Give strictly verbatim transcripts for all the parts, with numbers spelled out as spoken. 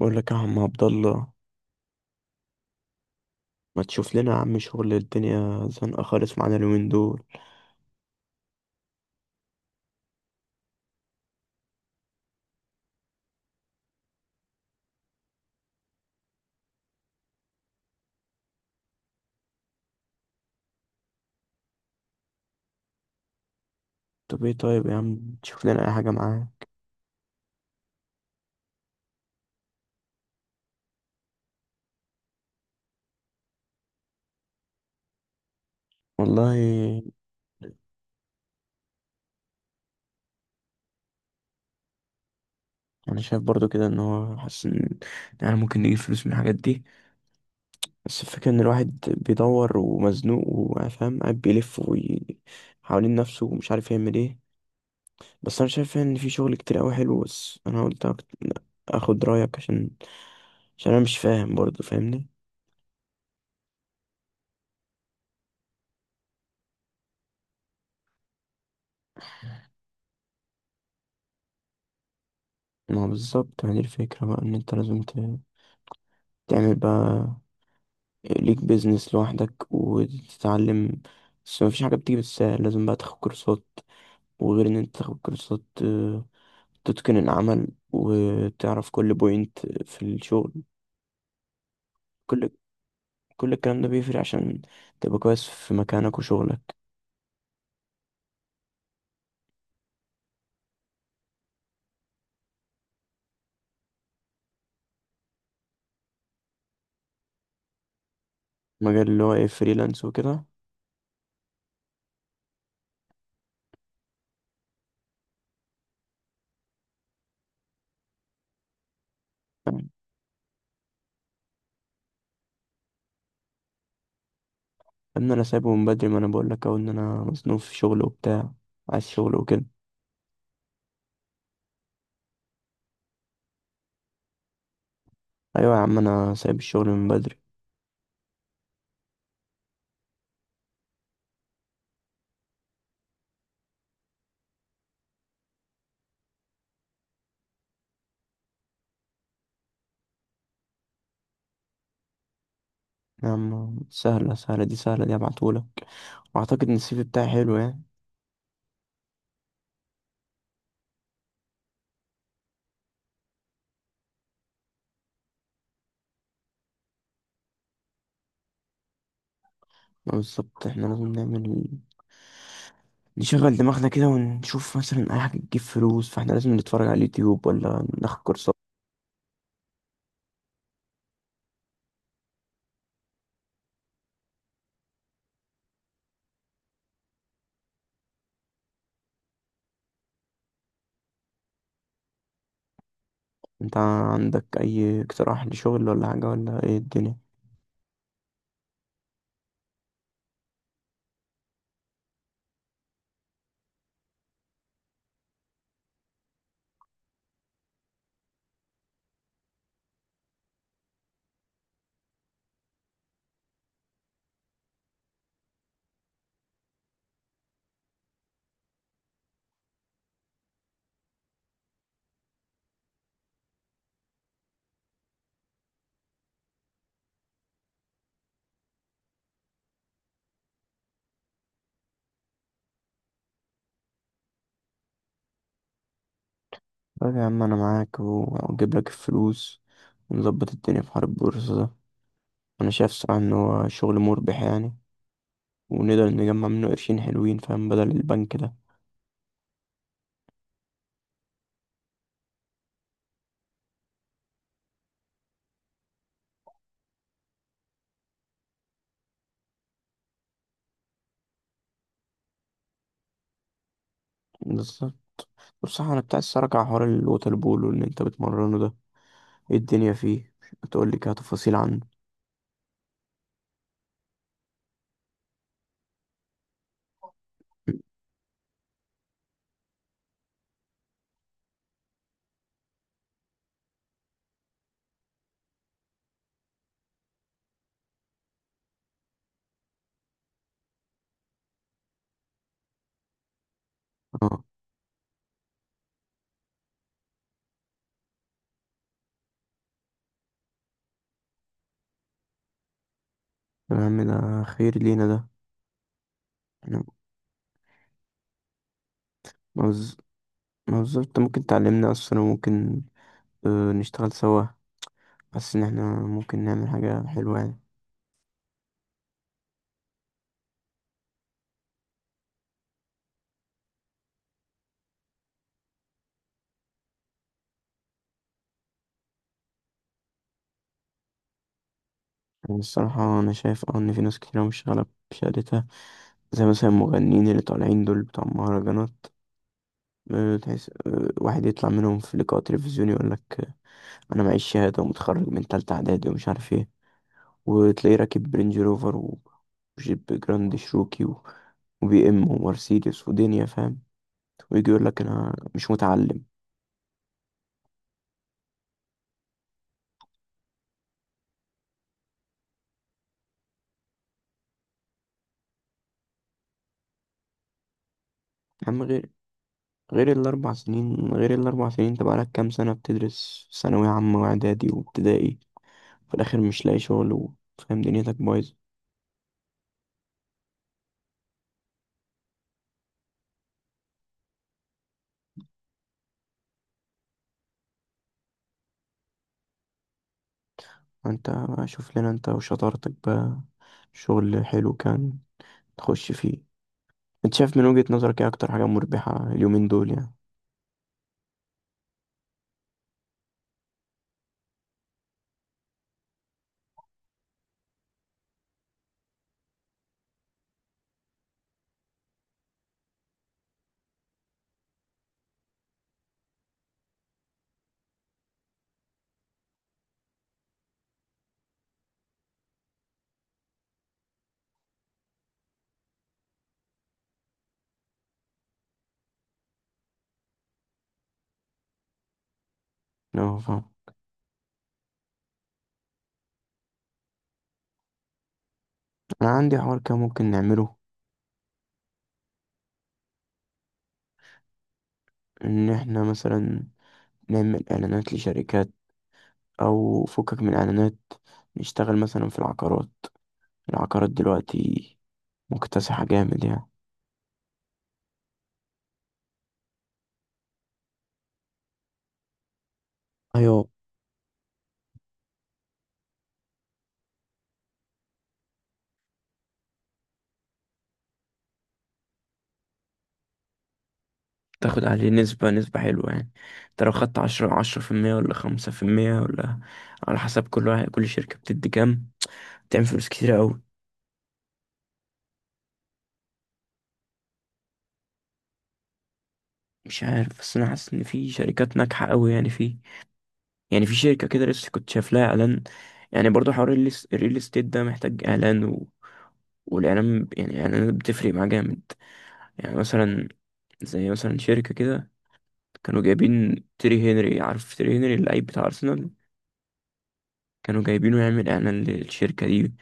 بقول لك يا عم عبد الله، ما تشوف لنا يا عم شغل؟ الدنيا زنقة خالص معانا اليومين دول. طب ايه طيب يا عم، تشوف لنا اي حاجة معاه. والله انا شايف برضو كده ان هو حاسس ان يعني ممكن نجيب فلوس من الحاجات دي. بس الفكرة ان الواحد بيدور ومزنوق وفاهم، قاعد بيلف وي- حوالين نفسه ومش عارف يعمل ايه. بس انا شايف ان في شغل كتير قوي حلو، بس انا قلت أك- اخد رأيك عشان عشان انا مش فاهم برضو، فاهمني؟ ما بالظبط. يعني الفكرة بقى ان انت لازم ت- تعمل بقى ليك بيزنس لوحدك وتتعلم. بس مفيش حاجة بتيجي بالسهل، لازم بقى تاخد كورسات. وغير ان انت تاخد كورسات، آه، تتقن العمل وتعرف كل بوينت في الشغل. كل كل الكلام ده بيفرق عشان تبقى كويس في مكانك وشغلك. مجال اللي هو ايه، فريلانس وكده؟ ان انا سايبه من بدري، ما انا بقول لك اهو ان انا مصنوف في شغل وبتاع، عايز شغل وكده. ايوه يا عم، انا سايب الشغل من بدري. يا عم سهلة، سهلة دي، سهلة دي هبعتهولك. واعتقد ان السي في بتاعي حلو يعني. ما بالظبط، احنا لازم نعمل، نشغل دماغنا كده ونشوف مثلا اي حاجة تجيب فلوس. فاحنا لازم نتفرج على اليوتيوب ولا ناخد كورسات. انت عندك اي اقتراح لشغل ولا حاجة، ولا ايه الدنيا؟ طيب يا عم، انا معاك واجيب لك الفلوس ونظبط الدنيا في حوار البورصة ده. انا شايف صراحة ان هو شغل مربح يعني، ونقدر نجمع منه قرشين حلوين، فاهم؟ بدل البنك ده. بالظبط. بصراحة انا بتاع الصراحة، على حوار الوتر بول واللي انت بتمرنه ده، ايه الدنيا فيه؟ تقول لي كده تفاصيل عنه. اه. طب يا عم ده خير لينا ده، احنا موز- موظف، انت ممكن تعلمنا اصلا، وممكن آه، نشتغل سوا. حاسس ان احنا ممكن نعمل حاجة حلوة يعني. يعني الصراحة انا شايف اه ان في ناس كتير أوي مش شغالة بشهادتها. زي مثلا المغنيين اللي طالعين دول بتوع المهرجانات، آه، تحس آه، واحد يطلع منهم في لقاء تلفزيوني يقول لك، آه، انا معيش شهاده ومتخرج من تالتة اعدادي ومش عارف ايه، وتلاقيه راكب رينج روفر و- وجيب جراند شروكي و- وبي ام ومرسيدس ودنيا، فاهم؟ ويجي يقول لك انا مش متعلم. يا عم، غير غير الاربع سنين، غير الاربع سنين انت بقالك كام سنه بتدرس ثانويه عامه واعدادي وابتدائي. في الاخر مش لاقي شغل و- فاهم، دنيتك بايظه. انت شوف لنا انت وشطارتك بقى شغل حلو كان تخش فيه. انت شايف من وجهة نظرك ايه اكتر حاجة مربحة اليومين دول يعني؟ اه فاهم. انا عندي حوار كده ممكن نعمله. ان احنا مثلا نعمل اعلانات لشركات، او فكك من اعلانات، نشتغل مثلا في العقارات. العقارات دلوقتي مكتسحة جامد يعني. ايوه، تاخد عليه نسبة، نسبة حلوة يعني. انت لو خدت عشرة، عشرة في المية ولا خمسة في المية، ولا على حسب كل واحد، كل شركة بتدي كام. تعمل فلوس كتيرة أوي. مش عارف، بس أنا حاسس إن في شركات ناجحة أوي يعني. فيه يعني في شركة كده لسه كنت شايف لها اعلان. يعني برضو حوار الريل الريل استيت ده محتاج اعلان، و... والاعلان ب- يعني الاعلانات بتفرق معاه جامد. يعني مثلا، زي مثلا شركة كده، كانوا جايبين تيري هنري. عارف تيري هنري اللعيب بتاع ارسنال؟ كانوا جايبينه يعمل اعلان للشركة دي،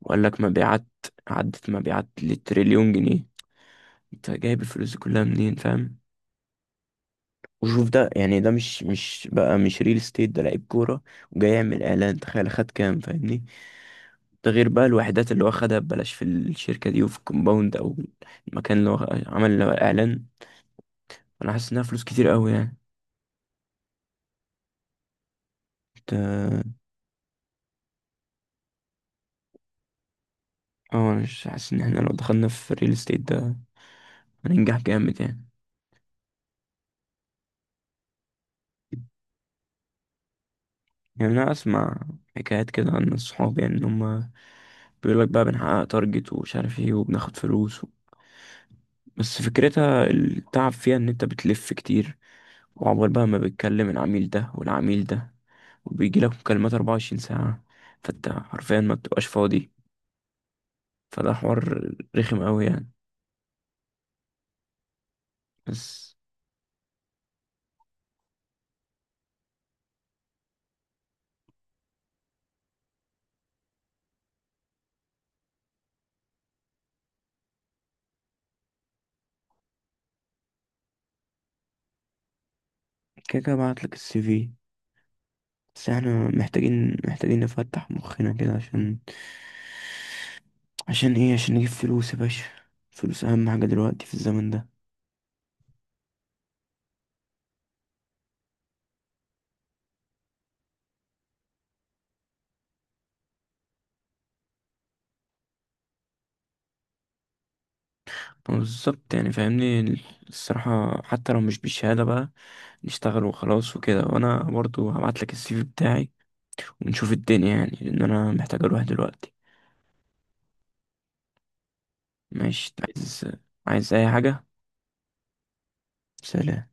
وقال لك مبيعات عدت مبيعات لتريليون جنيه. انت جايب الفلوس دي كلها منين، فاهم؟ وشوف ده، يعني ده مش مش بقى، مش ريل استيت، ده لعيب كورة وجاي يعمل اعلان، تخيل خد كام، فاهمني؟ ده غير بقى الوحدات اللي هو خدها ببلاش في الشركة دي وفي الكومباوند أو المكان اللي هو عمل له إعلان. أنا حاسس إنها فلوس كتير أوي يعني. ت- اه، أنا مش حاسس، إن إحنا لو دخلنا في الريل استيت ده هننجح جامد يعني. يعني أنا أسمع حكايات كده عن الصحاب، يعني إن هما بيقولك بقى بنحقق تارجت ومش عارف إيه وبناخد فلوس و... بس فكرتها التعب فيها، إن أنت بتلف كتير، وعقبال بقى ما بتكلم العميل ده والعميل ده، وبيجيلك مكالمات 24 ساعة. فأنت حرفيا ما بتبقاش فاضي، فده حوار رخم قوي يعني. بس كده كده بعتلك السي في. بس احنا محتاجين محتاجين نفتح مخنا كده عشان، عشان ايه؟ عشان نجيب فلوس يا باشا. فلوس اهم حاجة دلوقتي في الزمن ده. بالظبط يعني، فاهمني؟ الصراحة حتى لو مش بالشهادة بقى، نشتغل وخلاص وكده. وانا برضو هبعتلك السي في بتاعي ونشوف الدنيا، يعني لان انا محتاج اروح دلوقتي. ماشي، عايز، عايز اي حاجة؟ سلام.